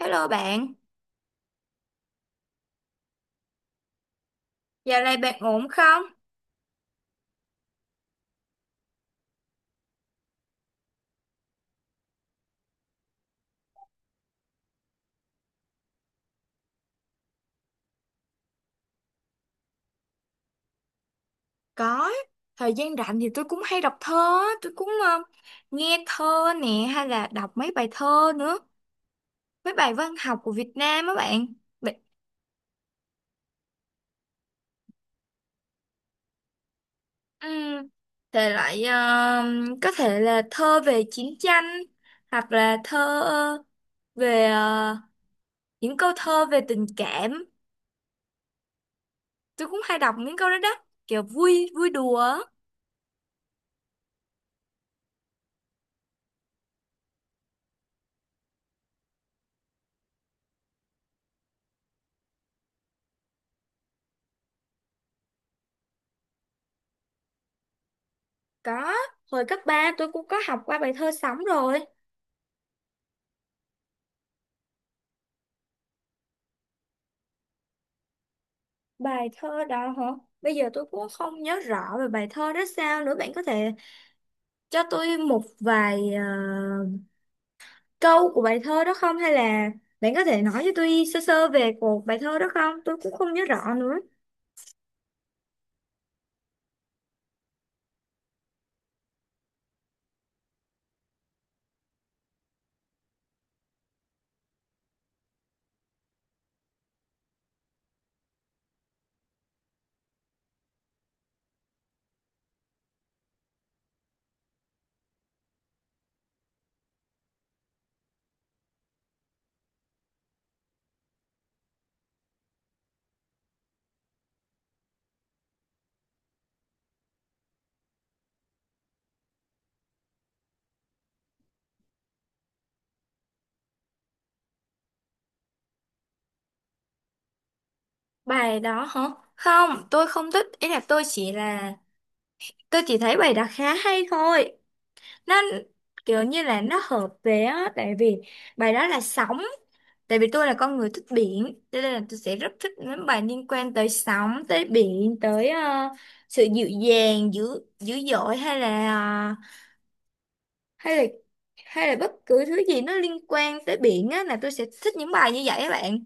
Hello bạn, dạo này bạn ổn không? Có, thời gian rảnh thì tôi cũng hay đọc thơ, á, tôi cũng nghe thơ nè hay là đọc mấy bài thơ nữa, mấy bài văn học của Việt Nam á bạn. Bạn um, thể loại có thể là thơ về chiến tranh hoặc là thơ về những câu thơ về tình cảm. Tôi cũng hay đọc những câu đó đó, kiểu vui vui đùa á. Có, hồi cấp 3 tôi cũng có học qua bài thơ sống rồi. Bài thơ đó hả? Bây giờ tôi cũng không nhớ rõ về bài thơ đó sao nữa. Bạn có thể cho tôi một vài câu của bài thơ đó không? Hay là bạn có thể nói cho tôi sơ sơ về cuộc bài thơ đó không? Tôi cũng không nhớ rõ nữa. Bài đó hả? Không, tôi không thích. Ý là... Tôi chỉ thấy bài đó khá hay thôi. Nó kiểu như là nó hợp về á, tại vì bài đó là sóng, tại vì tôi là con người thích biển, cho nên là tôi sẽ rất thích những bài liên quan tới sóng, tới biển, tới sự dịu dàng dữ dữ dội, hay là hay là hay là bất cứ thứ gì nó liên quan tới biển á là tôi sẽ thích những bài như vậy các bạn.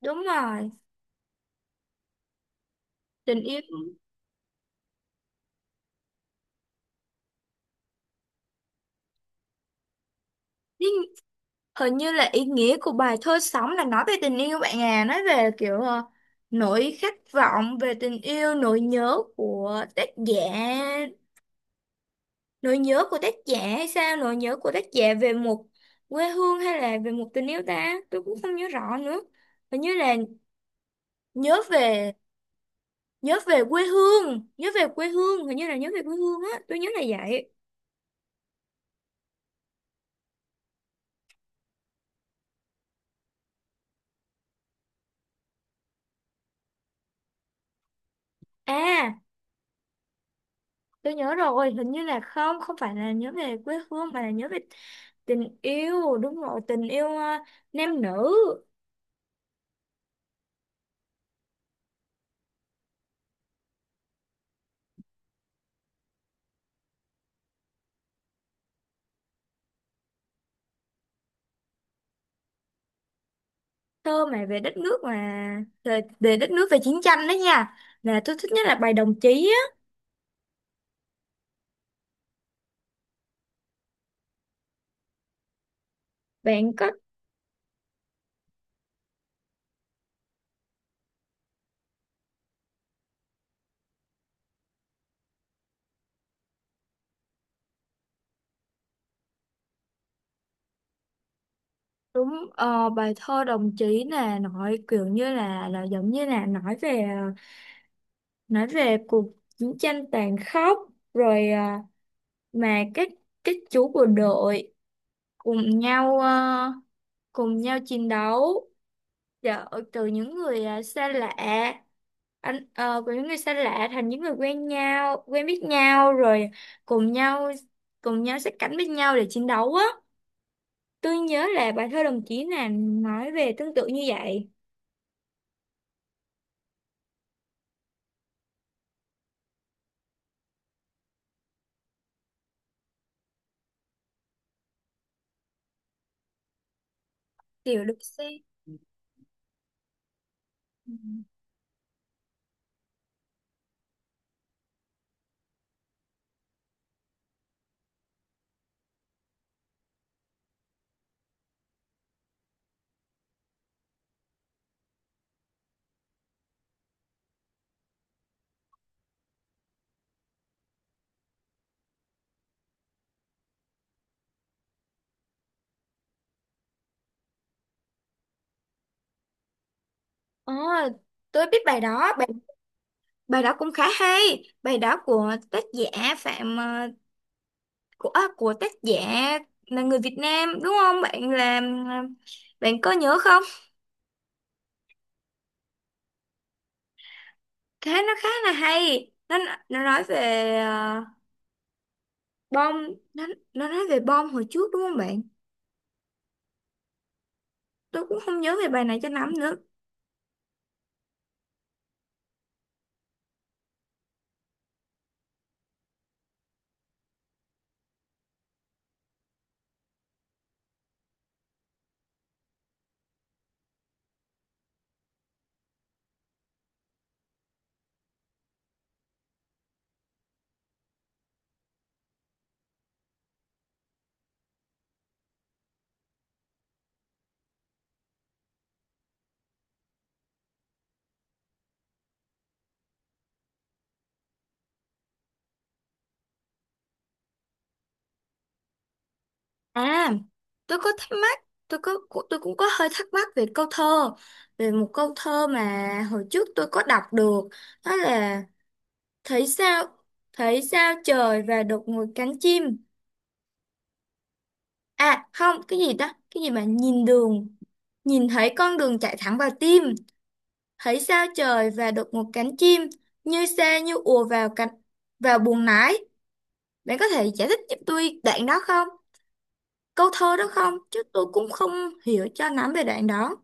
Đúng rồi, tình yêu. Lý, hình như là ý nghĩa của bài thơ sống là nói về tình yêu bạn à, nói về kiểu nỗi khát vọng về tình yêu, nỗi nhớ của tác giả hay sao, nỗi nhớ của tác giả về một quê hương hay là về một tình yêu ta, tôi cũng không nhớ rõ nữa. Hình như là nhớ về, nhớ về quê hương, hình như là nhớ về quê hương á, tôi nhớ là vậy. À, tôi nhớ rồi, hình như là không, không phải là nhớ về quê hương mà là nhớ về tình yêu. Đúng rồi, tình yêu nam nữ. Thơ mà về đất nước mà về đất nước, về chiến tranh đó nha, là tôi thích nhất là bài đồng chí á. Bạn có đúng bài thơ đồng chí là nói kiểu như là giống như là nói về nói về cuộc chiến tranh tàn khốc rồi, mà các chú bộ đội cùng nhau, cùng nhau chiến đấu. Dạ, từ những người xa lạ, của những người xa lạ thành những người quen nhau, quen biết nhau, rồi cùng nhau, sát cánh với nhau để chiến đấu á. Tôi nhớ là bài thơ đồng chí là nói về tương tự như vậy. Kiểu được xem. Ừ. Ờ, tôi biết bài đó, bài đó cũng khá hay. Bài đó của tác giả Phạm của của tác giả là người Việt Nam đúng không? Bạn làm bạn có nhớ không? Cái nó khá là hay, nó nói về bom, nó nó nói về bom hồi trước đúng không bạn? Tôi cũng không nhớ về bài này cho lắm nữa. À, tôi có thắc mắc, tôi cũng có hơi thắc mắc về câu thơ, về một câu thơ mà hồi trước tôi có đọc được, đó là thấy sao thấy sao trời và đột ngột cánh chim, à không, cái gì đó, cái gì mà nhìn đường, nhìn thấy con đường chạy thẳng vào tim, thấy sao trời và được một cánh chim như xe như ùa vào vào buồng lái. Bạn có thể giải thích giúp tôi đoạn đó không, câu thơ đó không? Chứ tôi cũng không hiểu cho lắm về đoạn đó.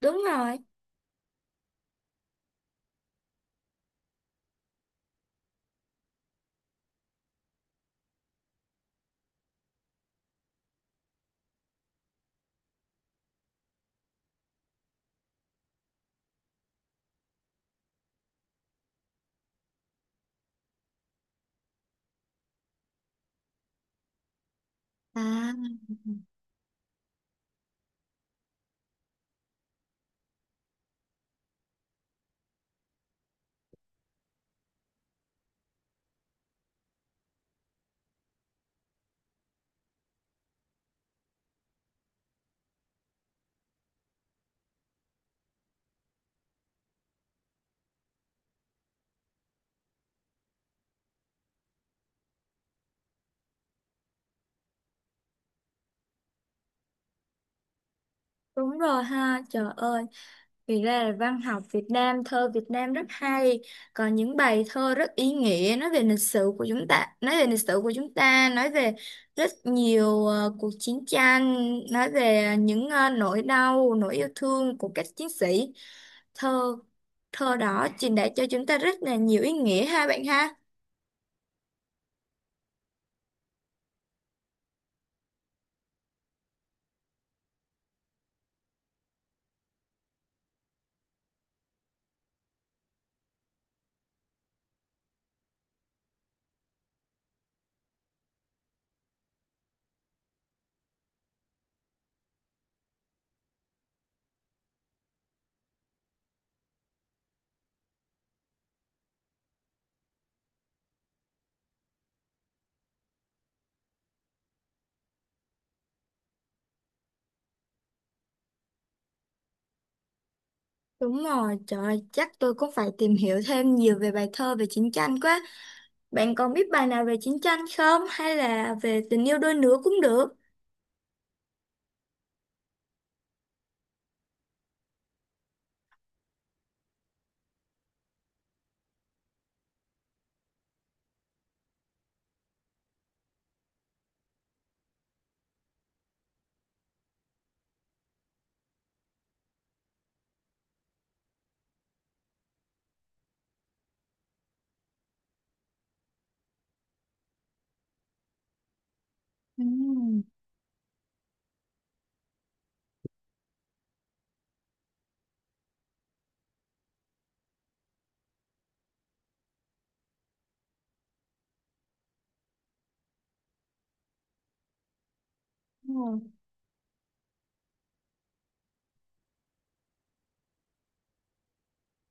Đúng rồi. À, đúng rồi, ha trời ơi. Thì ra là văn học Việt Nam, thơ Việt Nam rất hay, còn những bài thơ rất ý nghĩa nói về lịch sử của chúng ta, nói về lịch sử của chúng ta, nói về rất nhiều cuộc chiến tranh, nói về những nỗi đau, nỗi yêu thương của các chiến sĩ. Thơ thơ đó truyền đạt cho chúng ta rất là nhiều ý nghĩa ha bạn ha. Đúng rồi, trời ơi, chắc tôi cũng phải tìm hiểu thêm nhiều về bài thơ về chiến tranh quá. Bạn còn biết bài nào về chiến tranh không? Hay là về tình yêu đôi lứa cũng được. Ừ, đúng rồi.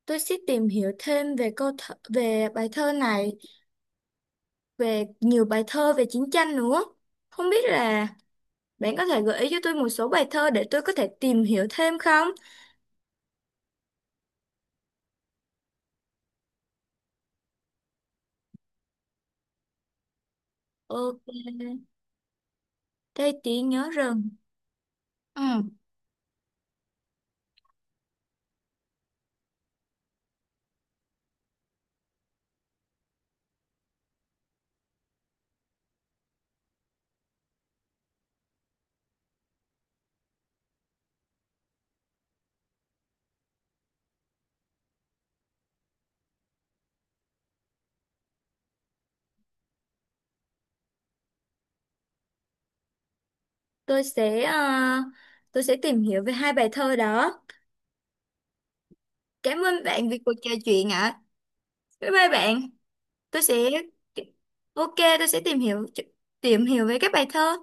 Tôi sẽ tìm hiểu thêm về câu thơ, về bài thơ này, về nhiều bài thơ về chiến tranh nữa. Không biết là bạn có thể gợi ý cho tôi một số bài thơ để tôi có thể tìm hiểu thêm không? Ok, đây tí nhớ rừng. Ừ, tôi sẽ tôi sẽ tìm hiểu về hai bài thơ đó. Cảm ơn bạn vì cuộc trò chuyện ạ. Bye bye bạn. Tôi sẽ ok, tôi sẽ tìm hiểu về các bài thơ.